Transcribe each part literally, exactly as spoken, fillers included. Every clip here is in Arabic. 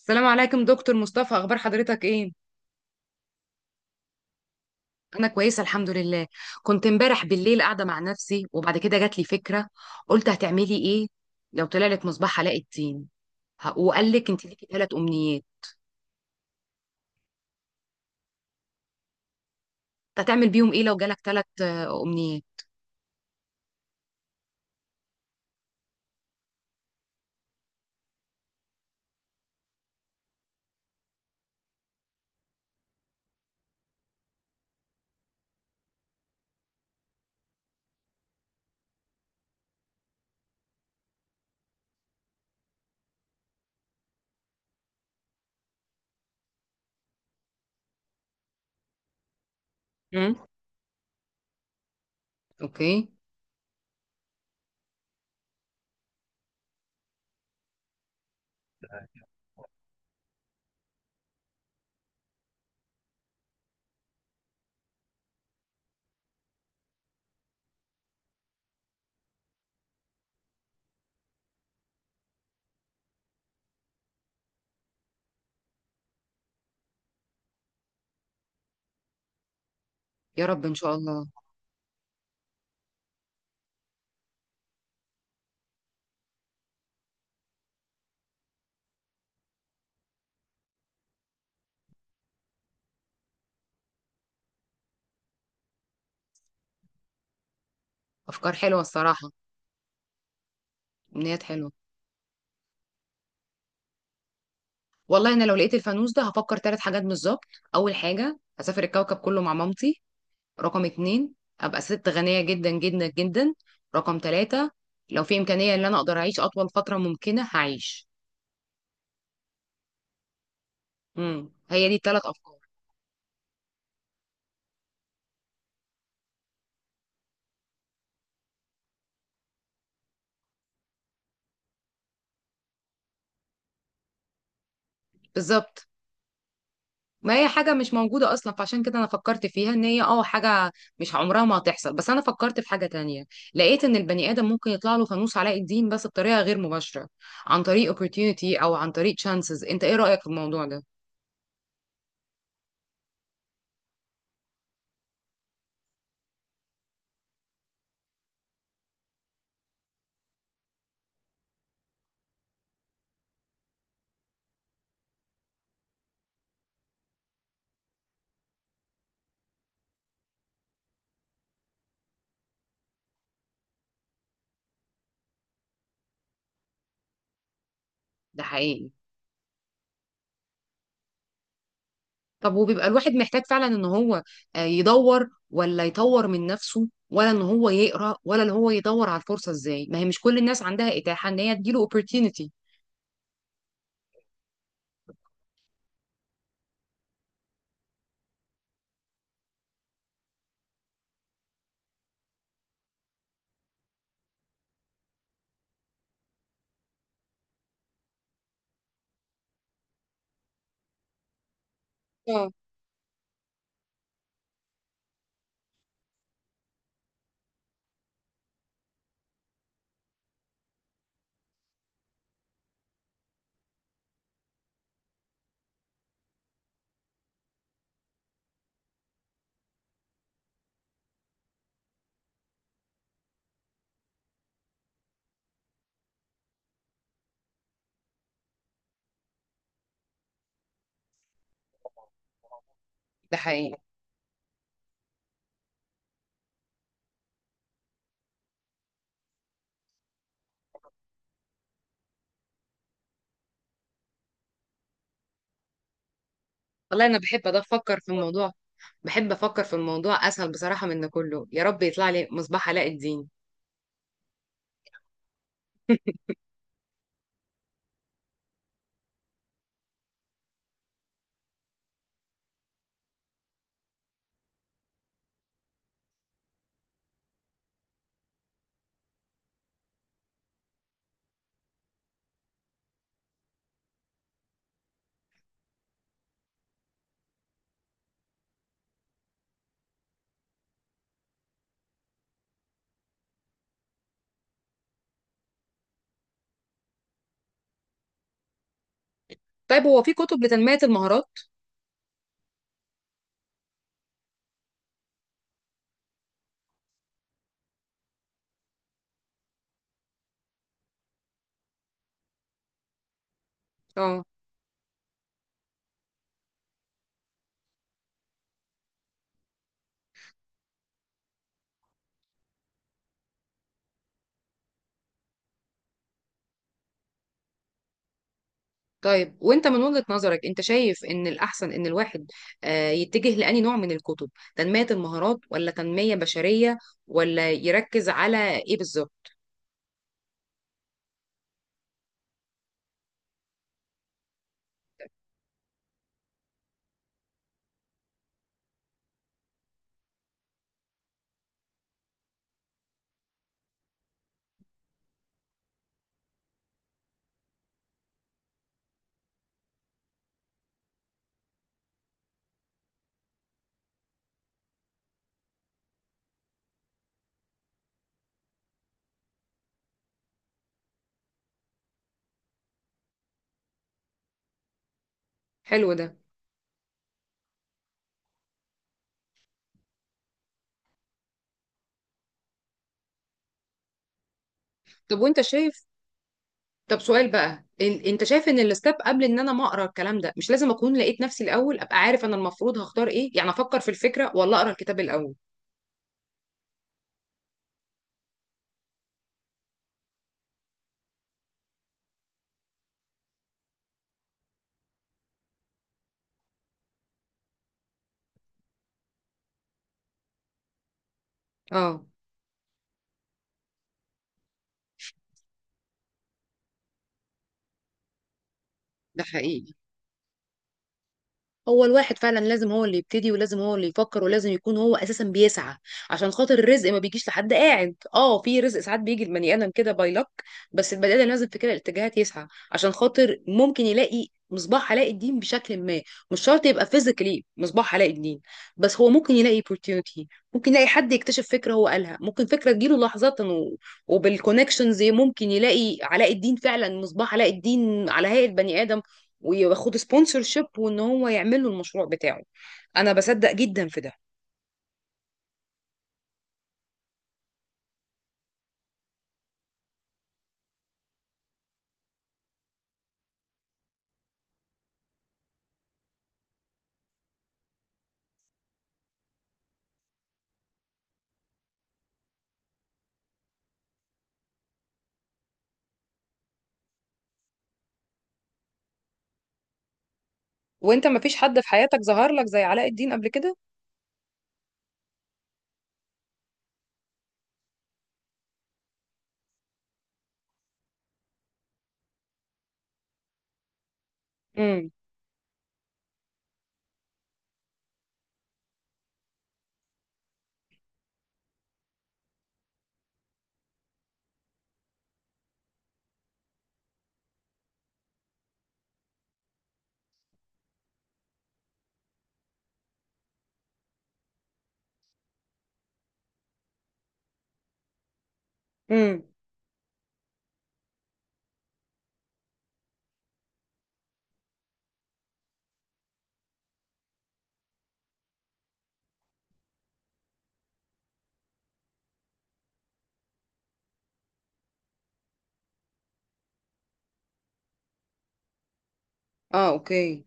السلام عليكم دكتور مصطفى، اخبار حضرتك ايه؟ انا كويسه الحمد لله. كنت امبارح بالليل قاعده مع نفسي وبعد كده جات لي فكره. قلت هتعملي ايه لو طلع لك مصباح علاء الدين ه- وقال لك انت ليكي ثلاث امنيات؟ هتعمل بيهم ايه لو جالك ثلاث امنيات؟ امم، اوكي. يا رب ان شاء الله. افكار حلوه الصراحه. امنيات حلوه. والله انا لو لقيت الفانوس ده هفكر ثلاث حاجات بالظبط. اول حاجه هسافر الكوكب كله مع مامتي. رقم اتنين، ابقى ست غنية جدا جدا جدا. رقم تلاتة، لو في امكانية ان انا اقدر اعيش اطول فترة ممكنة هعيش. امم هي دي التلات افكار. بالظبط. ما هي حاجة مش موجودة أصلا، فعشان كده أنا فكرت فيها إن هي أه حاجة مش عمرها ما هتحصل. بس أنا فكرت في حاجة تانية. لقيت إن البني آدم ممكن يطلع له فانوس علاء الدين بس بطريقة غير مباشرة، عن طريق opportunity أو عن طريق chances. أنت إيه رأيك في الموضوع ده؟ ده حقيقي. طب وبيبقى الواحد محتاج فعلا ان هو آه، يدور ولا يطور من نفسه، ولا ان هو يقرا، ولا ان هو يدور على الفرصه؟ ازاي ما هي مش كل الناس عندها اتاحه ان هي تجيله opportunity؟ اه. ده حقيقي. والله انا بحب ده افكر في الموضوع. بحب افكر في الموضوع اسهل بصراحه من ده كله. يا رب يطلع لي مصباح علاء الدين. طيب، هو في كتب لتنميه المهارات؟ اه. طيب وانت من وجهة نظرك انت شايف ان الاحسن ان الواحد آه، يتجه لأني نوع من الكتب، تنمية المهارات ولا تنمية بشرية؟ ولا يركز على ايه بالظبط؟ حلو ده. طب وانت شايف طب سؤال بقى، إن- انت شايف ان الستاب قبل ان انا ما اقرا الكلام ده مش لازم اكون لقيت نفسي الاول، ابقى عارف انا المفروض هختار ايه؟ يعني افكر في الفكرة ولا اقرا الكتاب الاول؟ اه. ده حقيقي. هو الواحد فعلا لازم هو اللي يبتدي، ولازم هو اللي يفكر، ولازم يكون هو اساسا بيسعى عشان خاطر الرزق ما بيجيش لحد قاعد. اه في رزق ساعات بيجي لبني ادم كده باي لك. بس البني ادم لازم في كده الاتجاهات يسعى عشان خاطر ممكن يلاقي مصباح علاء الدين بشكل ما. مش شرط يبقى فيزيكلي مصباح علاء الدين، بس هو ممكن يلاقي opportunity. ممكن يلاقي حد يكتشف فكره هو قالها، ممكن فكره تجيله لحظة و... وبالكونكشنز ممكن يلاقي علاء الدين فعلا، مصباح علاء الدين على هيئة بني ادم، وياخد سبونسر شيب وان هو يعمل له المشروع بتاعه. انا بصدق جدا في ده. وانت ما فيش حد في حياتك ظهر لك زي علاء الدين قبل كده؟ امم. امم. اه، اوكي.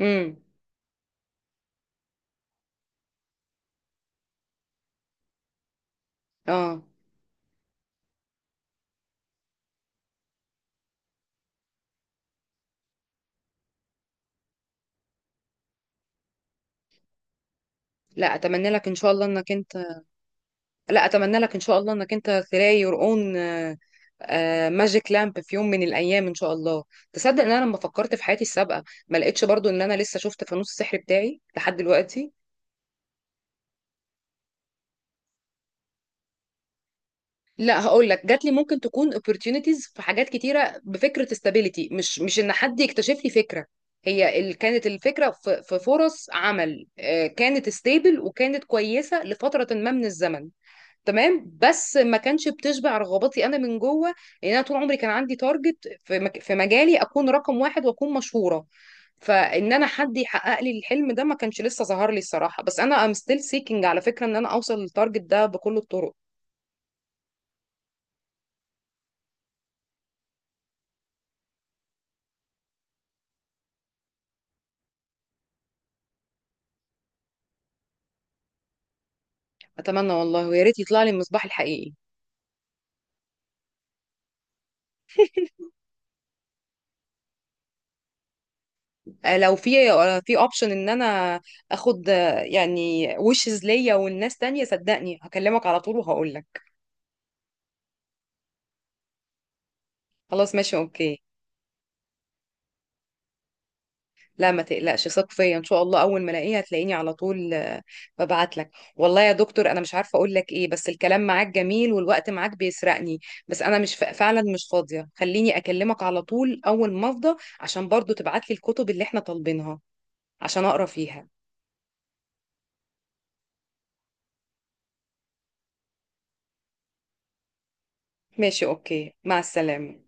امم. اه. لا اتمنى لك ان شاء الله انك انت لا اتمنى لك ان شاء الله انك انت تلاقي يور اون ماجيك لامب في يوم من الايام ان شاء الله. تصدق ان انا لما فكرت في حياتي السابقه ما لقيتش برضو ان انا لسه شفت فانوس السحر بتاعي لحد دلوقتي. لا، هقول لك جات لي ممكن تكون opportunities في حاجات كتيره بفكره استابيليتي، مش مش ان حد يكتشف لي فكره. هي ال... كانت الفكره في, في فرص عمل، آه، كانت ستيبل وكانت كويسه لفتره ما من الزمن. تمام. بس ما كانش بتشبع رغباتي انا من جوه. لان انا طول عمري كان عندي تارجت في مك... في مجالي اكون رقم واحد واكون مشهوره. فان انا حد يحقق لي الحلم ده ما كانش لسه ظهر لي الصراحه. بس انا ام ستيل سيكينج على فكره ان انا اوصل للتارجت ده بكل الطرق. اتمنى والله، ويا ريت يطلع لي المصباح الحقيقي. آه، لو في آه، في اوبشن ان انا اخد آه، يعني وشز ليا والناس تانية، صدقني هكلمك على طول وهقول لك. خلاص، ماشي، اوكي. لا ما تقلقش، ثق فيا ان شاء الله اول ما الاقيها هتلاقيني على طول. آه، ببعت لك. والله يا دكتور انا مش عارفه اقول لك ايه، بس الكلام معاك جميل والوقت معاك بيسرقني. بس انا مش ف... فعلا مش فاضيه. خليني اكلمك على طول اول ما افضى، عشان برضو تبعت لي الكتب اللي احنا طالبينها عشان اقرا فيها. ماشي، اوكي، مع السلامه.